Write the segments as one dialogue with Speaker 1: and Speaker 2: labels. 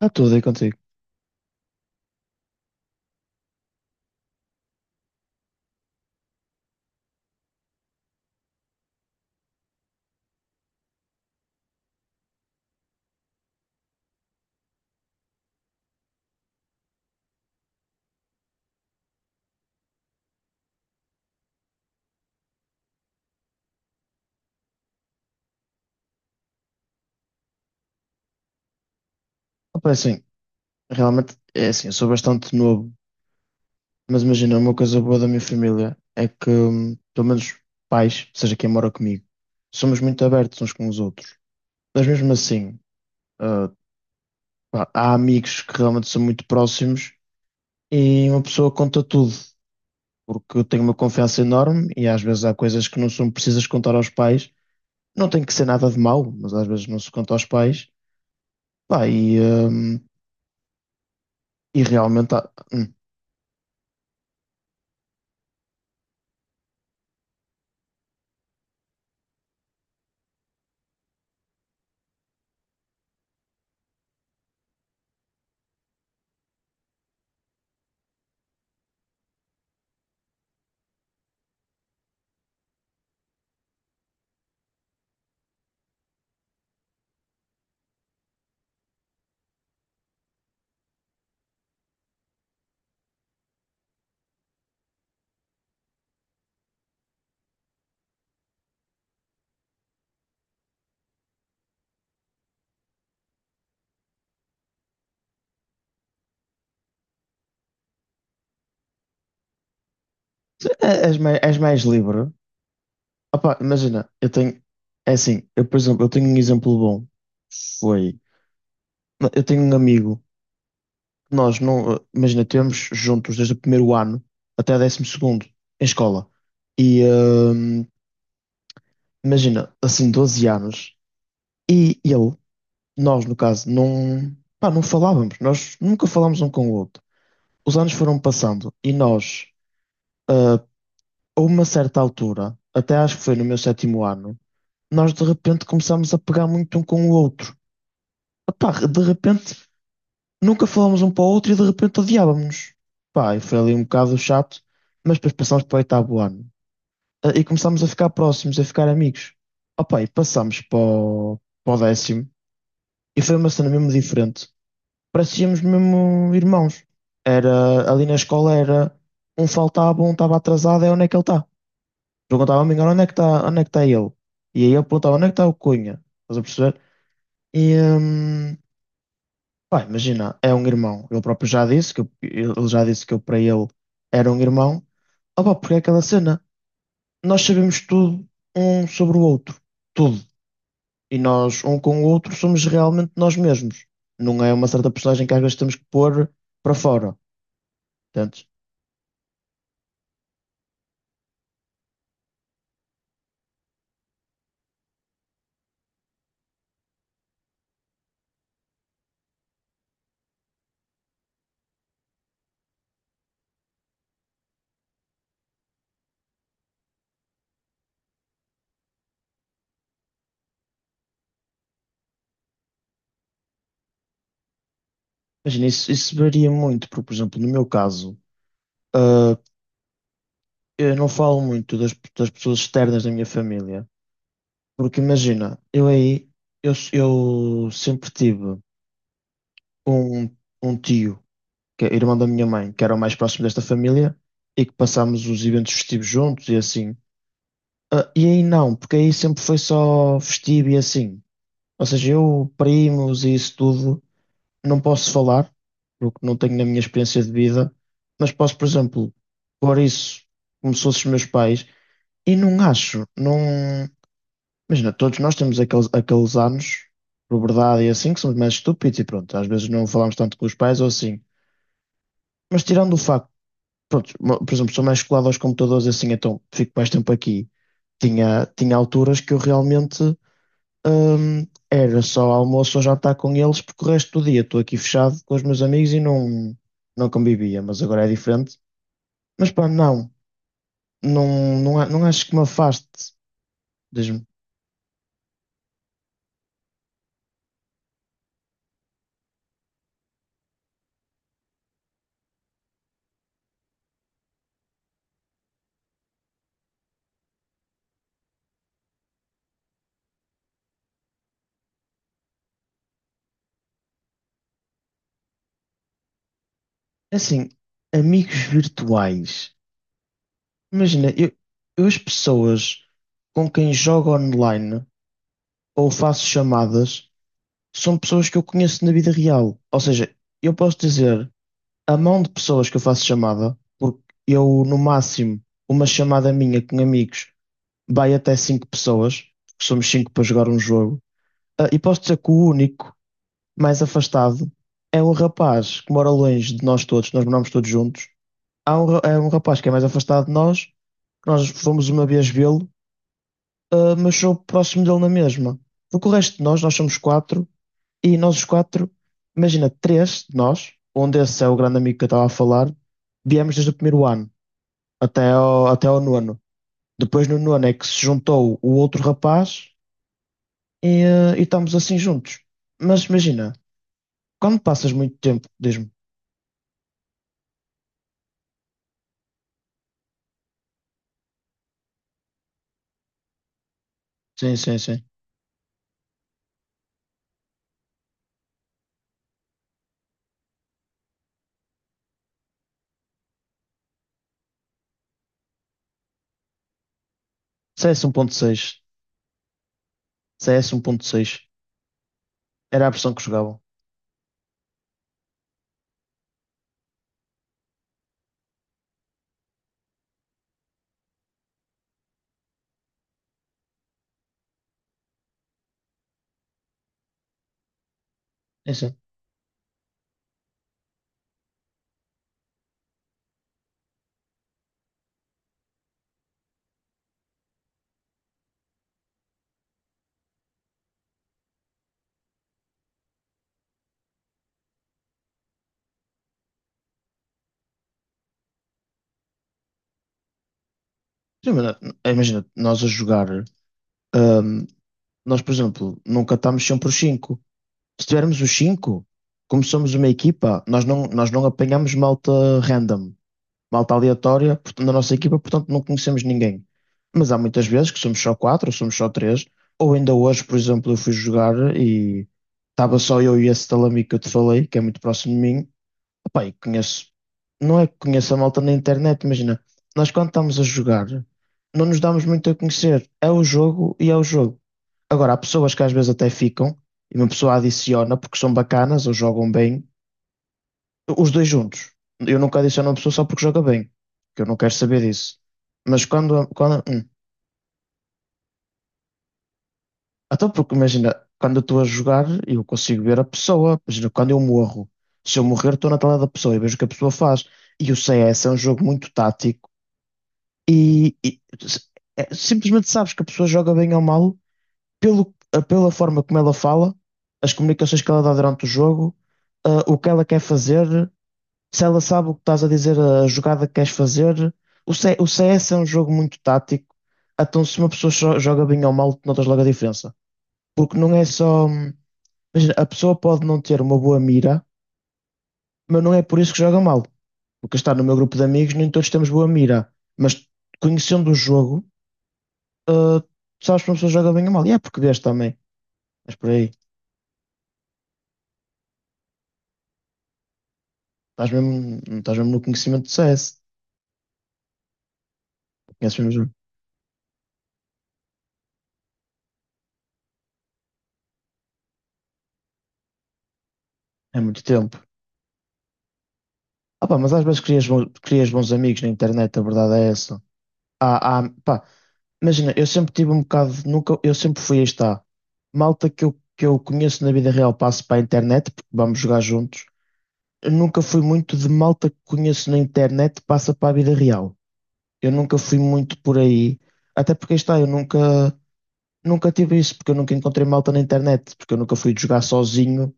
Speaker 1: Está tudo aí contigo. Opa, é assim, realmente é assim, eu sou bastante novo, mas imagina, uma coisa boa da minha família é que, pelo menos pais, seja quem mora comigo, somos muito abertos uns com os outros. Mas mesmo assim, ah, pá, há amigos que realmente são muito próximos e uma pessoa conta tudo, porque eu tenho uma confiança enorme e às vezes há coisas que não são precisas contar aos pais. Não tem que ser nada de mau, mas às vezes não se conta aos pais. Pá, e realmente és mais livre. Opá, imagina, eu tenho. É assim, eu, por exemplo, eu tenho um exemplo bom. Foi. Eu tenho um amigo que nós não. Imagina, temos juntos desde o primeiro ano até o 12º em escola. E imagina, assim, 12 anos. E ele, nós no caso, não. Pá, não falávamos. Nós nunca falámos um com o outro. Os anos foram passando e nós, ah, a uma certa altura, até acho que foi no meu sétimo ano, nós de repente começámos a pegar muito um com o outro. Pá, de repente nunca falámos um para o outro e de repente odiávamos. Pá, e foi ali um bocado chato, mas depois passámos para o oitavo ano e começámos a ficar próximos, a ficar amigos. Opá, e passámos para o, para o 10º e foi uma cena mesmo diferente. Parecíamos mesmo irmãos. Era ali na escola era um faltava, um estava atrasado, é onde é que ele está? Perguntava-me onde é que está, onde é que está ele? E aí eu perguntava onde é que está o Cunha? Estás a perceber? E, pá, imagina, é um irmão. Ele próprio já disse que eu, ele já disse que eu para ele era um irmão. Opa, porque é aquela cena. Nós sabemos tudo um sobre o outro. Tudo. E nós, um com o outro, somos realmente nós mesmos. Não é uma certa personagem que às vezes temos que pôr para fora. Portanto, imagina, isso varia muito, porque, por exemplo, no meu caso, ah, eu não falo muito das, das pessoas externas da minha família. Porque imagina, eu aí, eu sempre tive um, um tio, que é irmão da minha mãe, que era o mais próximo desta família, e que passámos os eventos festivos juntos e assim. Ah, e aí não, porque aí sempre foi só festivo e assim. Ou seja, eu, primos e isso tudo, não posso falar, porque não tenho na minha experiência de vida, mas posso, por exemplo, pôr isso como se fossem os meus pais, e não acho, não. Imagina, todos nós temos aqueles, aqueles anos, por verdade e assim, que somos mais estúpidos e pronto, às vezes não falamos tanto com os pais ou assim. Mas tirando o facto pronto, por exemplo, sou mais colado aos computadores assim, então fico mais tempo aqui. Tinha alturas que eu realmente era só almoço ou jantar com eles, porque o resto do dia estou aqui fechado com os meus amigos e não, não convivia, mas agora é diferente. Mas pá, não, não, não, não acho que me afaste. Diz-me, assim, amigos virtuais. Imagina, eu as pessoas com quem jogo online ou faço chamadas, são pessoas que eu conheço na vida real. Ou seja, eu posso dizer a mão de pessoas que eu faço chamada, porque eu, no máximo, uma chamada minha com amigos vai até cinco pessoas, porque somos cinco para jogar um jogo. Ah, e posso dizer que o único mais afastado é um rapaz que mora longe de nós todos, nós moramos todos juntos. Há um, é um rapaz que é mais afastado de nós, que nós fomos uma vez vê-lo. Mas sou próximo dele na mesma. Porque o resto de nós, nós somos quatro, e nós os quatro, imagina, três de nós, onde esse é o grande amigo que eu estava a falar, viemos desde o primeiro ano até ao nono. Depois no nono é que se juntou o outro rapaz e estamos assim juntos. Mas imagina, quando passas muito tempo, diz-me, sim, sim, sim, CS 1.6, CS 1.6, era a versão que jogavam. Sim, sim. Sim, mas, Imagina, nós a jogar. ah, Nós, por exemplo, nunca estamos sempre os cinco. Se tivermos os cinco, como somos uma equipa, nós não apanhamos malta random, malta aleatória portanto, na nossa equipa, portanto não conhecemos ninguém. Mas há muitas vezes que somos só quatro, ou somos só três, ou ainda hoje, por exemplo, eu fui jogar e estava só eu e esse tal amigo que eu te falei, que é muito próximo de mim. Pá, e conheço, não é que conheço a malta na internet, imagina, nós quando estamos a jogar, não nos damos muito a conhecer, é o jogo e é o jogo. Agora, há pessoas que às vezes até ficam, e uma pessoa adiciona porque são bacanas ou jogam bem, os dois juntos. Eu nunca adiciono uma pessoa só porque joga bem, que eu não quero saber disso. Mas quando. Até porque imagina, quando eu estou a jogar, eu consigo ver a pessoa, imagina, quando eu morro, se eu morrer, estou na tela da pessoa e vejo o que a pessoa faz. E o CS é um jogo muito tático. E, e s- simplesmente sabes que a pessoa joga bem ou mal pelo, pela forma como ela fala, as comunicações que ela dá durante o jogo, o que ela quer fazer, se ela sabe o que estás a dizer, a jogada que queres fazer. O CS é um jogo muito tático, então se uma pessoa só joga bem ou mal, tu notas logo a diferença. Porque não é só. Imagina, a pessoa pode não ter uma boa mira, mas não é por isso que joga mal. Porque está no meu grupo de amigos, nem todos temos boa mira. Mas conhecendo o jogo ah, tu sabes que uma pessoa joga bem ou mal. E é português também. Mas por aí. Estás mesmo no conhecimento do CS. Conheces mesmo o jogo. É muito tempo. Ah, pá, mas às vezes crias, crias bons amigos na internet, a verdade é essa. Pá, imagina, eu sempre tive um bocado. Nunca, eu sempre fui, aí está. Malta que eu conheço na vida real passo para a internet, porque vamos jogar juntos. Eu nunca fui muito de malta que conheço na internet passa para a vida real. Eu nunca fui muito por aí. Até porque aí está, eu nunca. Nunca tive isso, porque eu nunca encontrei malta na internet, porque eu nunca fui jogar sozinho,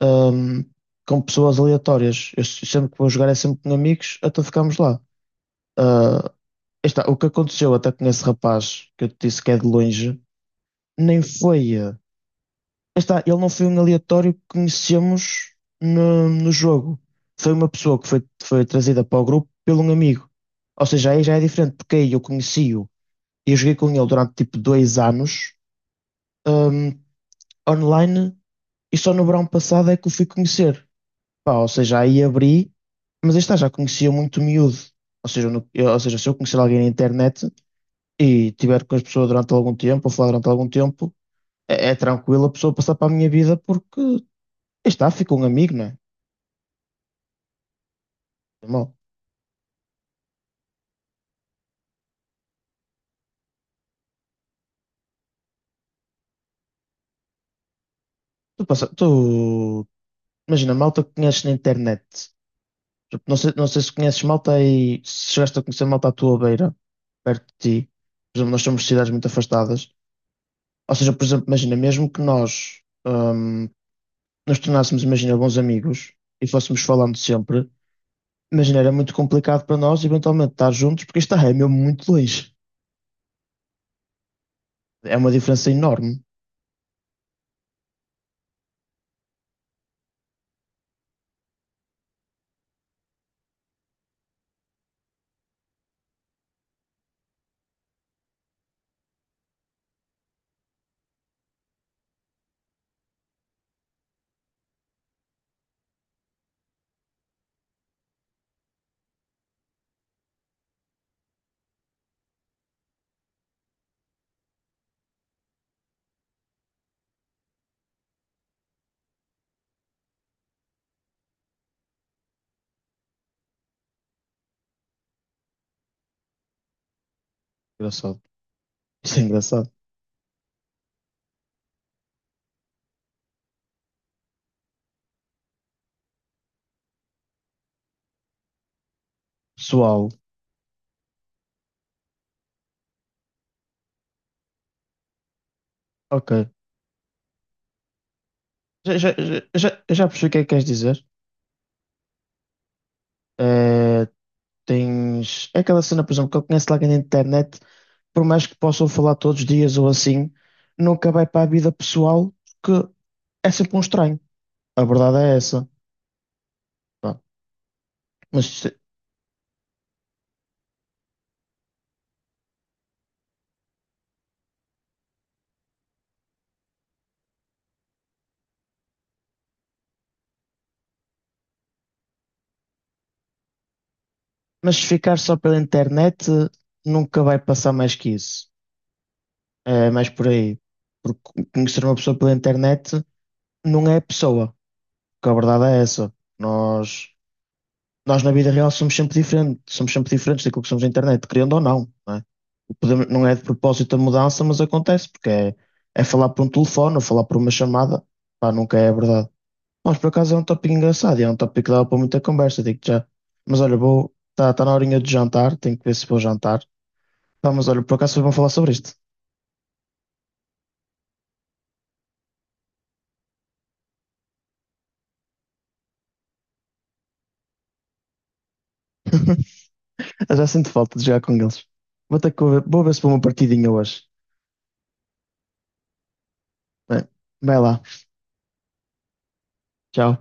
Speaker 1: ahm, com pessoas aleatórias. Eu sempre que vou jogar é sempre com amigos, até ficámos lá. Ah, está, o que aconteceu até com esse rapaz, que eu te disse que é de longe, nem foi. Está, ele não foi um aleatório que conhecemos no, no jogo. Foi uma pessoa que foi, foi trazida para o grupo pelo um amigo. Ou seja, aí já é diferente, porque aí eu conheci-o e eu joguei com ele durante tipo 2 anos, ahm, online. E só no verão passado é que o fui conhecer. Pá, ou seja, aí abri, mas aí está, já conhecia muito miúdo. Ou seja, se eu conhecer alguém na internet e tiver com as pessoas durante algum tempo, ou falar durante algum tempo, é tranquilo a pessoa passar para a minha vida porque aí está, fica um amigo, não é? É mau. Tu, passa, tu imagina, malta que conheces na internet. Tipo, não sei, não sei se conheces malta aí, se chegaste a conhecer malta à tua beira, perto de ti. Por exemplo, nós somos de cidades muito afastadas. Ou seja, por exemplo, imagina, mesmo que nós, nos tornássemos, imagina, bons amigos e fôssemos falando sempre, imagina, era muito complicado para nós eventualmente estar juntos, porque isto é mesmo muito longe. É uma diferença enorme. Engraçado. Isso é engraçado. Pessoal, ok. Eu já percebi o que é que queres dizer. Eh, tens. É aquela cena, por exemplo, que eu conheço lá na internet, por mais que possam falar todos os dias ou assim, nunca vai para a vida pessoal, porque é sempre um estranho. A verdade é essa. Pá, Mas Mas se ficar só pela internet, nunca vai passar mais que isso. É mais por aí. Porque conhecer uma pessoa pela internet não é pessoa. Porque a verdade é essa. Nós, nós na vida real somos sempre diferentes. Somos sempre diferentes daquilo que somos na internet, querendo ou não. Não é, não é de propósito a mudança, mas acontece. Porque é falar por um telefone ou falar por uma chamada. Pá, nunca é a verdade. Mas por acaso é um tópico engraçado. É um tópico que dava para muita conversa, digo já. Mas olha, vou. Está tá tá na horinha de jantar. Tenho que ver se vou jantar. Pá, mas olha, por acaso vocês vão falar sobre isto. Eu já sinto falta de jogar com eles. Vou ter que ver, vou ver se vou uma partidinha hoje. Bem, vai lá. Tchau.